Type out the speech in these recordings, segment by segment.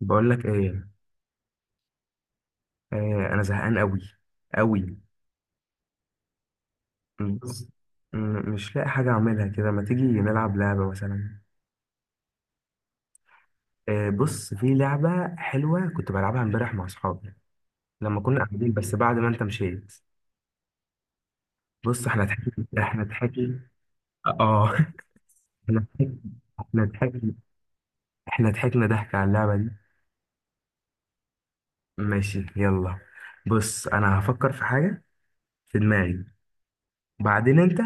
بقول لك ايه؟ آه، انا زهقان قوي قوي. مش لاقي حاجه اعملها كده، ما تيجي نلعب لعبه مثلا؟ آه بص، في لعبه حلوه كنت بلعبها امبارح مع اصحابي لما كنا قاعدين، بس بعد ما انت مشيت. بص احنا ضحكنا احنا ضحكنا. اه احنا ضحكنا احنا ضحكنا احنا ضحكنا ضحك على اللعبه دي. ماشي يلا. بص انا هفكر في حاجه في دماغي، بعدين انت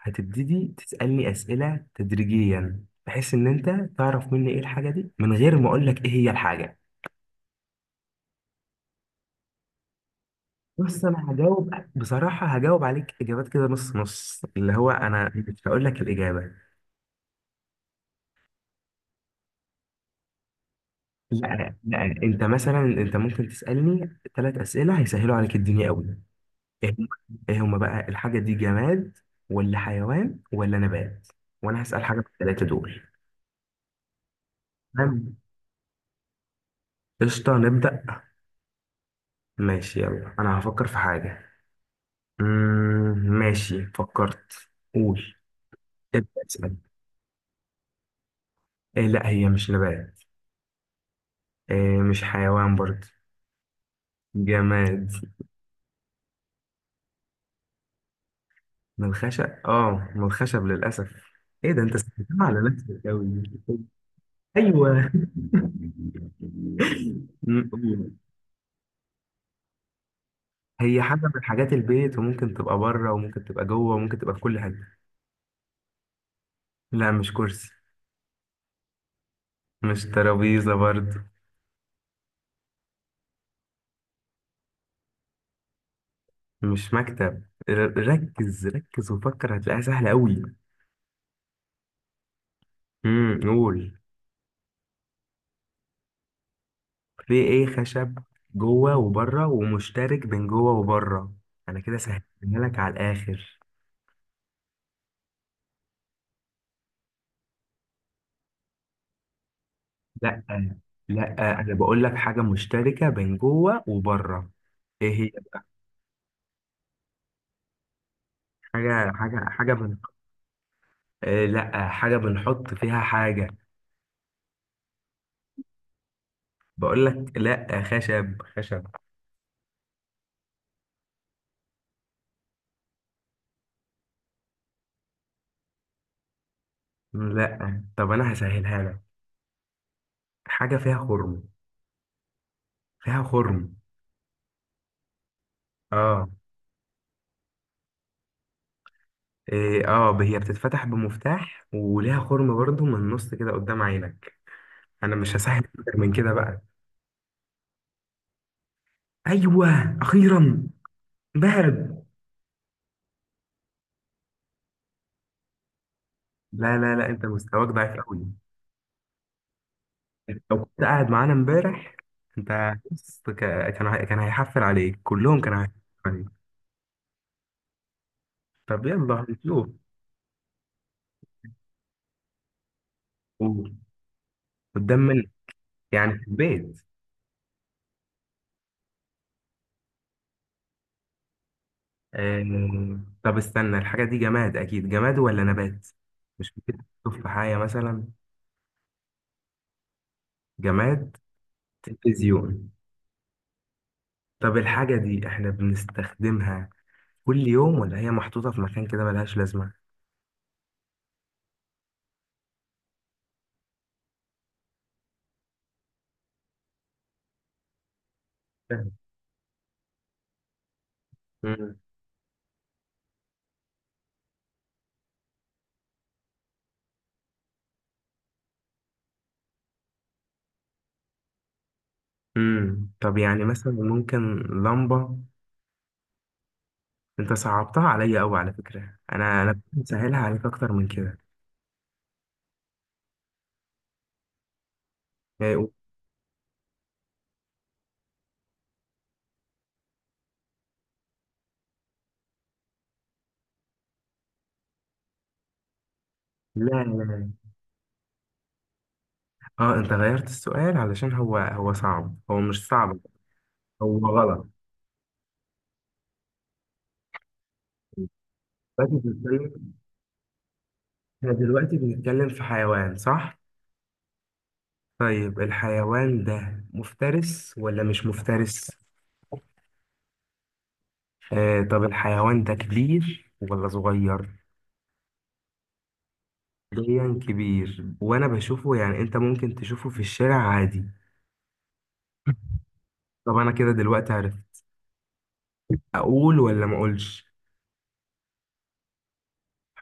هتبتدي تسألني أسئلة تدريجيا بحيث ان انت تعرف مني ايه الحاجة دي من غير ما اقول لك ايه هي الحاجة. بص انا هجاوب بصراحة، هجاوب عليك اجابات كده نص نص، اللي هو انا مش هقول لك الإجابة. لا لا، انت مثلا انت ممكن تسألني ثلاث أسئلة هيسهلوا عليك الدنيا قوي. ايه هم ايه هما بقى الحاجة دي، جماد ولا حيوان ولا نبات؟ وانا هسأل حاجة في الثلاثة دول. تمام، قشطة، نبدأ. ماشي يلا، انا هفكر في حاجة. ماشي فكرت. قول، ابدأ اسأل. إيه لا، هي مش نبات. إيه مش حيوان برضه. جماد. من الخشب، اه من الخشب للأسف. ايه ده، انت سألتها على نفسك أوي. ايوه قول. هي حاجة من حاجات البيت، وممكن تبقى بره وممكن تبقى جوه وممكن تبقى في كل حاجة. لا مش كرسي. مش ترابيزة برضه. مش مكتب. ركز ركز وفكر، هتلاقيها سهلة أوي. قول. في ايه؟ خشب جوه وبره ومشترك بين جوه وبره. انا كده سهلتها لك على الاخر. لا لا، انا بقول لك حاجه مشتركه بين جوه وبره. ايه هي؟ حاجه حاجه حاجه بن... إيه لا، حاجه بنحط فيها حاجه. بقول لك لا، خشب خشب. لا طب انا هسهلها لك. حاجه فيها خرم. فيها خرم. اه. إيه اه، هي بتتفتح بمفتاح وليها خرم برضو من النص كده قدام عينك. انا مش هسهل اكتر من كده بقى. ايوه اخيرا. دهب. لا لا لا، انت مستواك ضعيف قوي. لو كنت قاعد معانا امبارح، انت بص كان هيحفل عليك، كلهم كانوا هيحفل عليك. طب يلا نشوف. قول. قدام من؟ يعني في البيت. آه... طب استنى، الحاجه دي جماد اكيد، جماد ولا نبات؟ مش ممكن تشوف في حاجه مثلا. جماد. تلفزيون. طب الحاجه دي احنا بنستخدمها كل يوم ولا هي محطوطه في مكان كده ملهاش لازمه؟ فاهم. مم. مم. طب يعني مثلا ممكن لمبة؟ انت صعبتها عليا قوي على فكرة، انا كنت مسهلها عليك اكتر من كده. يعني لا لا لا. اه انت غيرت السؤال، علشان هو صعب، هو مش صعب، هو غلط. دلوقتي بنتكلم، احنا دلوقتي بنتكلم في حيوان صح؟ طيب الحيوان ده مفترس ولا مش مفترس؟ آه طب الحيوان ده كبير ولا صغير؟ حاليا كبير وانا بشوفه، يعني انت ممكن تشوفه في الشارع عادي. طب انا كده دلوقتي عرفت. اقول ولا ما اقولش؟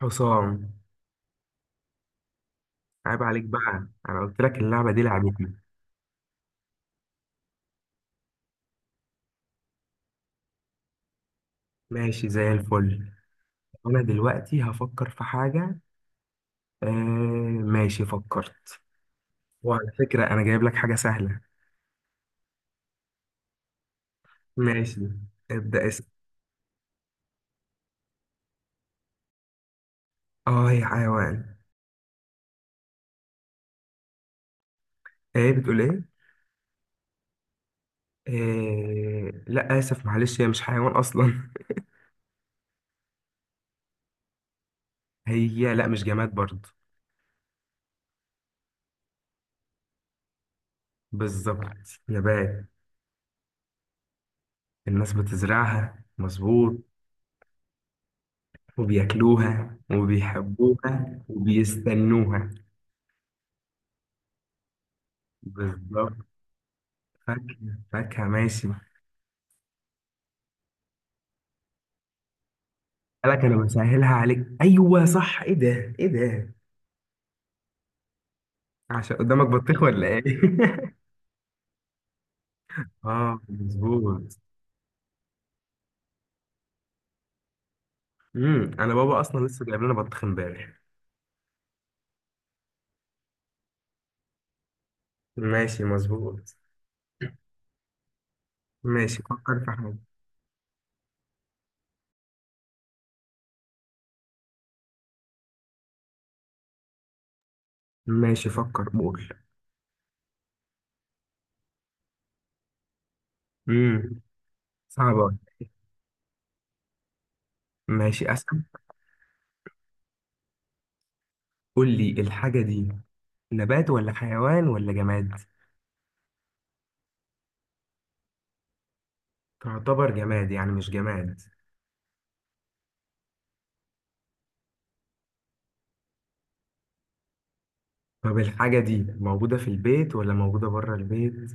حسام. عيب عليك بقى، انا قلت لك اللعبه دي لعبتنا. ماشي زي الفل. انا دلوقتي هفكر في حاجه. آه. ماشي فكرت. وعلى فكره انا جايب لك حاجه سهله. ماشي. ابدا اسال. اه هي حيوان. ايه؟ بتقول ايه؟ آه لا اسف معلش، هي مش حيوان اصلا. هي لا، مش جماد برضه. بالظبط نبات. الناس بتزرعها مظبوط. وبياكلوها وبيحبوها وبيستنوها. بالظبط. فاكهة، فاكهة ماشي. قالك أنا بسهلها عليك. أيوة صح. إيه ده إيه ده؟ عشان قدامك بطيخ ولا إيه؟ آه مظبوط. أنا بابا أصلا لسه جايب لنا بطيخ إمبارح. ماشي مظبوط. ماشي فكر في حاجة. ماشي فكر قول. امم صعبة أوي. ماشي أسأل. قول لي الحاجة دي، نبات ولا حيوان ولا جماد؟ تعتبر جماد يعني مش جماد. طب الحاجة دي موجودة في البيت ولا موجودة بره البيت؟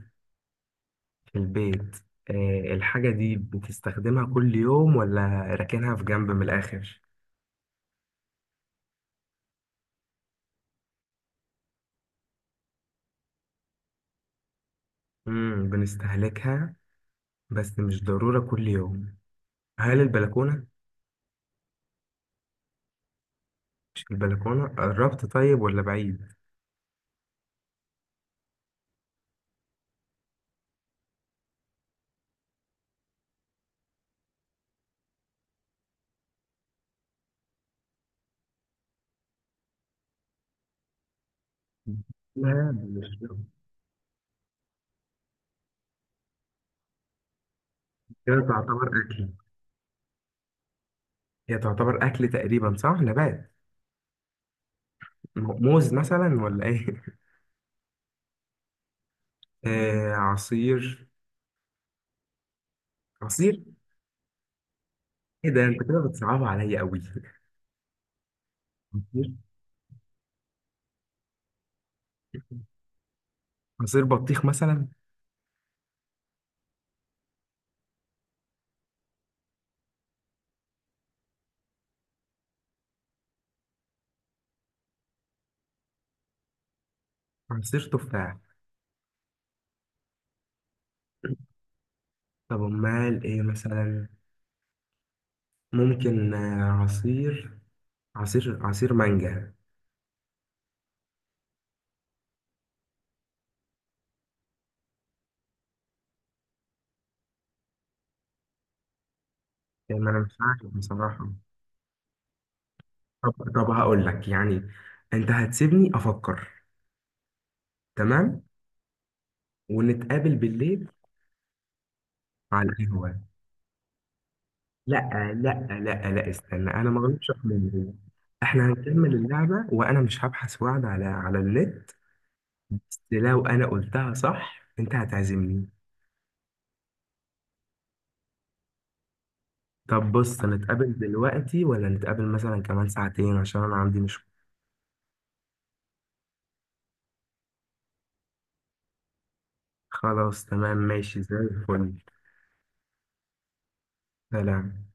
في البيت. آه الحاجة دي بتستخدمها كل يوم ولا راكنها في جنب من الآخر؟ بنستهلكها بس مش ضرورة كل يوم. هل البلكونة؟ مش البلكونة، قربت طيب ولا بعيد؟ لا مش. هي تعتبر أكل. هي تعتبر أكل تقريبا صح؟ نبات. موز مثلا ولا إيه؟ آه عصير. عصير؟ إيه ده، أنت كده بتصعبها عليا أوي. عصير. عصير بطيخ مثلا. عصير تفاح. طب امال ايه مثلا؟ ممكن آه، عصير عصير عصير مانجا. يعني ما انا مش عارف بصراحة. طب طب هقول لك، يعني انت هتسيبني افكر. تمام. ونتقابل بالليل على القهوة. لا لا لا لا استنى، انا ما غلطتش في الموضوع. احنا هنكمل اللعبة وانا مش هبحث وعد على النت. لو انا قلتها صح انت هتعزمني. طب بص، نتقابل دلوقتي ولا نتقابل مثلا كمان ساعتين عشان انا عندي مشوار؟ خلاص تمام ماشي زي الفل. سلام.